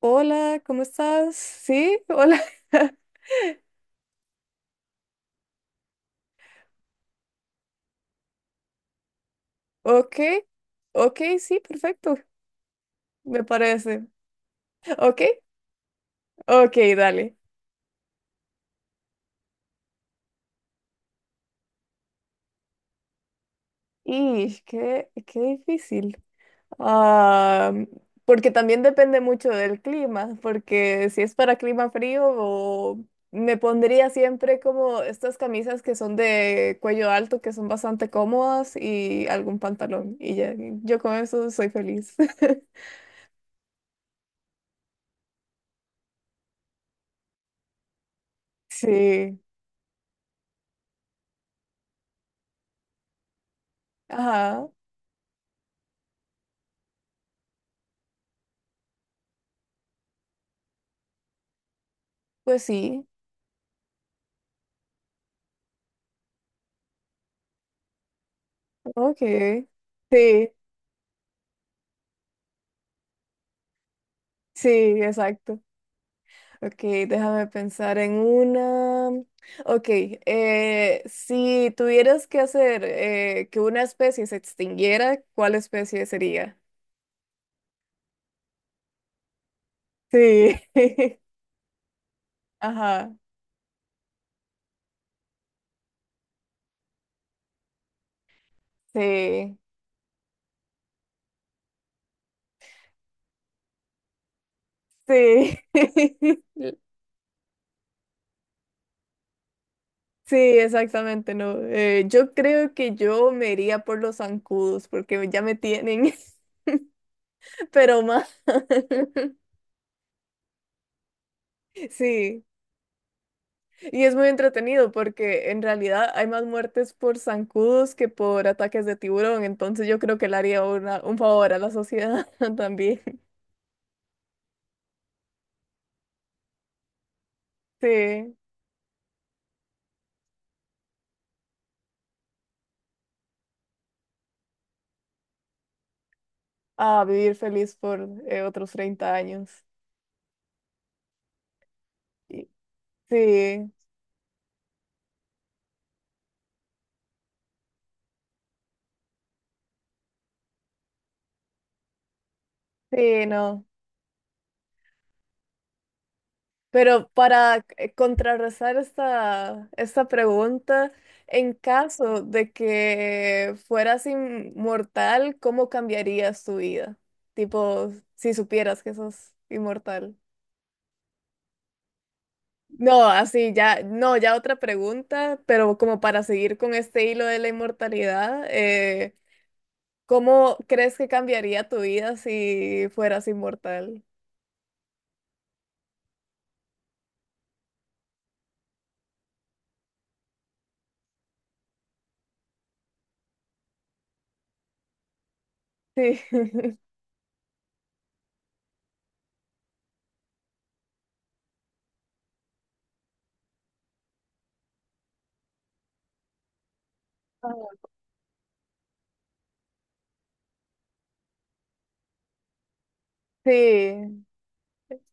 Hola, ¿cómo estás? Sí, hola. Ok, ok, sí, perfecto, me parece. Ok, ok, dale. Y qué, qué difícil. Ah, porque también depende mucho del clima, porque si es para clima frío, o me pondría siempre como estas camisas que son de cuello alto, que son bastante cómodas, y algún pantalón. Y ya, yo con eso soy feliz. Sí, ajá, pues sí. Ok, sí, sí, exacto. Ok, déjame pensar en una. Ok, si tuvieras que hacer que una especie se extinguiera, ¿cuál especie sería? Sí, ajá, sí, sí, sí, exactamente, no. Yo creo que yo me iría por los zancudos porque ya me tienen, pero más. Sí. Y es muy entretenido porque en realidad hay más muertes por zancudos que por ataques de tiburón, entonces yo creo que le haría un favor a la sociedad también. Sí, a vivir feliz por otros 30 años. Y- Sí, sí, no. Pero para contrarrestar esta pregunta, en caso de que fueras inmortal, ¿cómo cambiarías tu vida? Tipo, si supieras que sos inmortal. No, así ya, no, ya otra pregunta, pero como para seguir con este hilo de la inmortalidad, ¿cómo crees que cambiaría tu vida si fueras inmortal? Sí, sí,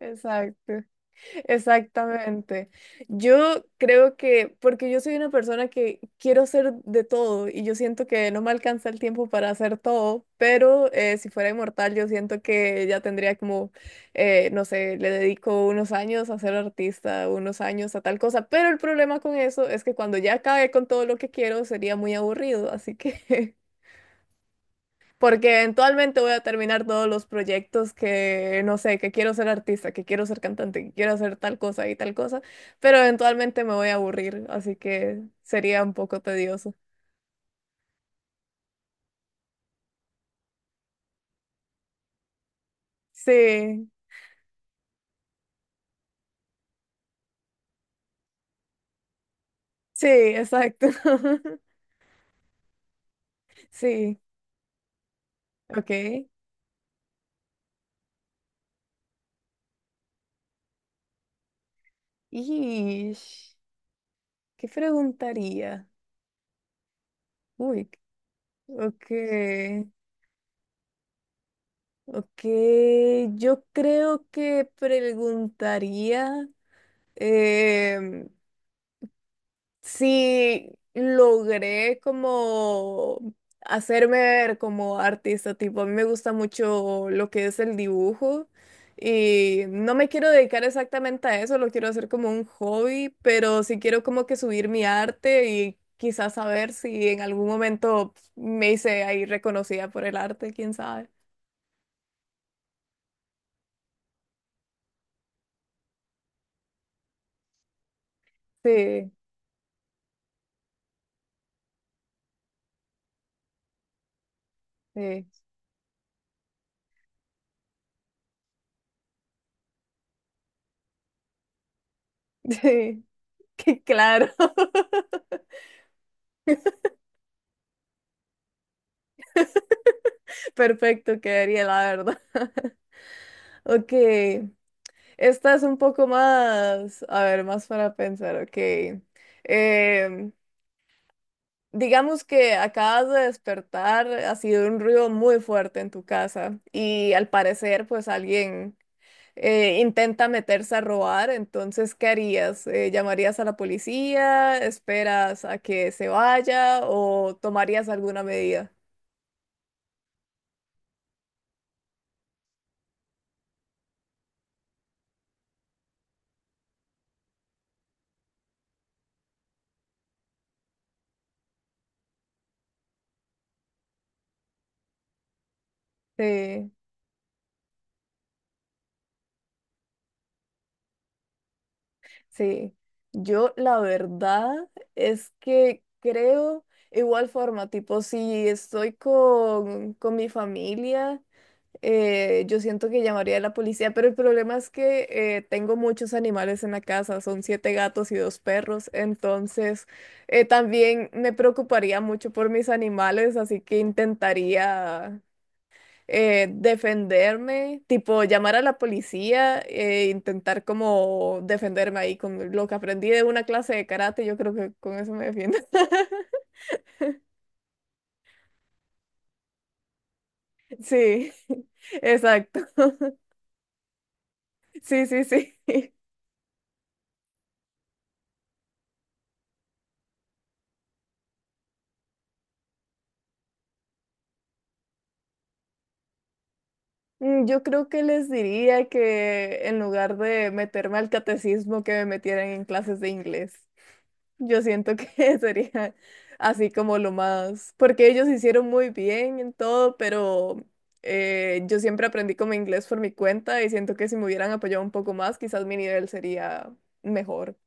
exacto. Exactamente. Yo creo que, porque yo soy una persona que quiero hacer de todo y yo siento que no me alcanza el tiempo para hacer todo, pero si fuera inmortal yo siento que ya tendría como, no sé, le dedico unos años a ser artista, unos años a tal cosa, pero el problema con eso es que cuando ya acabe con todo lo que quiero sería muy aburrido, así que porque eventualmente voy a terminar todos los proyectos que, no sé, que quiero ser artista, que quiero ser cantante, que quiero hacer tal cosa y tal cosa, pero eventualmente me voy a aburrir, así que sería un poco tedioso. Sí, sí, exacto. Sí, ok. Ish, ¿qué preguntaría? Uy, ok, ok. Yo creo que preguntaría... em, sí logré como hacerme ver como artista, tipo, a mí me gusta mucho lo que es el dibujo y no me quiero dedicar exactamente a eso, lo quiero hacer como un hobby, pero sí quiero como que subir mi arte y quizás saber si en algún momento me hice ahí reconocida por el arte, quién sabe. Sí, sí, sí, que claro. Perfecto, quedaría la verdad. Ok. Esta es un poco más, a ver, más para pensar, ok. Em, digamos que acabas de despertar, ha sido un ruido muy fuerte en tu casa y al parecer pues alguien intenta meterse a robar, entonces ¿qué harías? ¿Llamarías a la policía? ¿Esperas a que se vaya o tomarías alguna medida? Sí. Sí, yo la verdad es que creo igual forma, tipo si estoy con mi familia, yo siento que llamaría a la policía, pero el problema es que tengo muchos animales en la casa, son 7 gatos y 2 perros, entonces también me preocuparía mucho por mis animales, así que intentaría defenderme, tipo llamar a la policía e intentar como defenderme ahí con lo que aprendí de una clase de karate, yo creo que con eso me defiendo. Sí, exacto. Sí, sí, sí. Mm, yo creo que les diría que en lugar de meterme al catecismo, que me metieran en clases de inglés. Yo siento que sería así como lo más, porque ellos hicieron muy bien en todo, pero yo siempre aprendí como inglés por mi cuenta y siento que si me hubieran apoyado un poco más, quizás mi nivel sería mejor.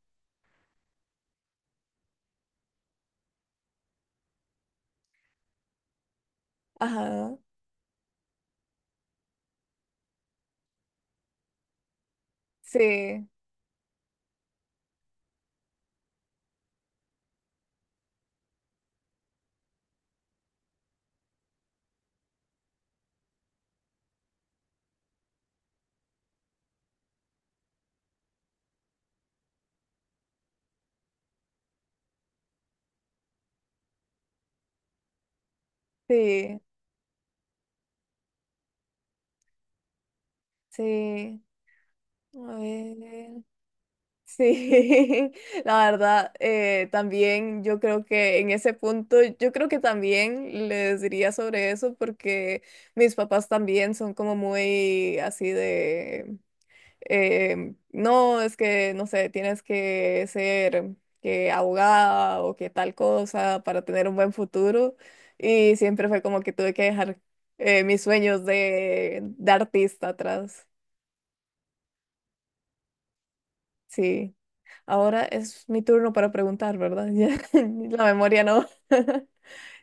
Ajá, sí, sí, sí. A ver. Sí, la verdad, también yo creo que en ese punto, yo creo que también les diría sobre eso porque mis papás también son como muy así de, no, es que, no sé, tienes que ser que abogada o que tal cosa para tener un buen futuro y siempre fue como que tuve que dejar mis sueños de artista atrás, sí. Ahora es mi turno para preguntar, ¿verdad? Ya, la memoria no.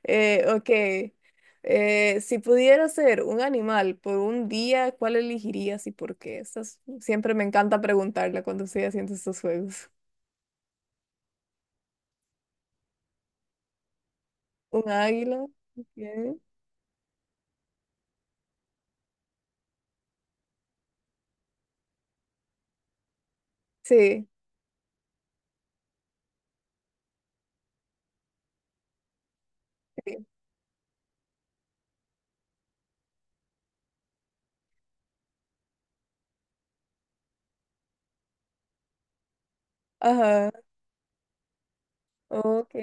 Ok. Si pudiera ser un animal por un día, ¿cuál elegirías y por qué? Estas- siempre me encanta preguntarla cuando estoy haciendo estos juegos. ¿Un águila? Ok. Sí. Sí. Ajá. Ok.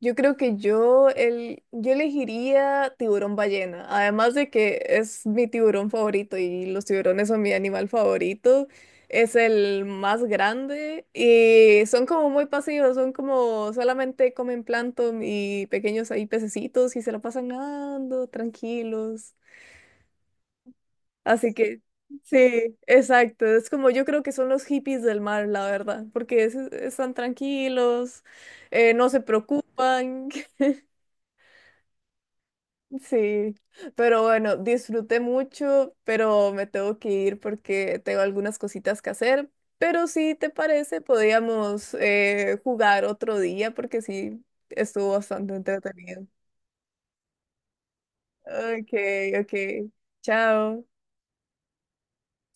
Yo creo que yo, el, yo elegiría tiburón ballena, además de que es mi tiburón favorito y los tiburones son mi animal favorito, es el más grande y son como muy pasivos, son como solamente comen plancton y pequeños ahí pececitos y se lo pasan nadando tranquilos. Así que sí, exacto, es como yo creo que son los hippies del mar, la verdad, porque es- están tranquilos, no se preocupan. Sí, pero bueno, disfruté mucho, pero me tengo que ir porque tengo algunas cositas que hacer. Pero si te parece, podríamos jugar otro día porque sí, estuvo bastante entretenido. Ok, ok, chao.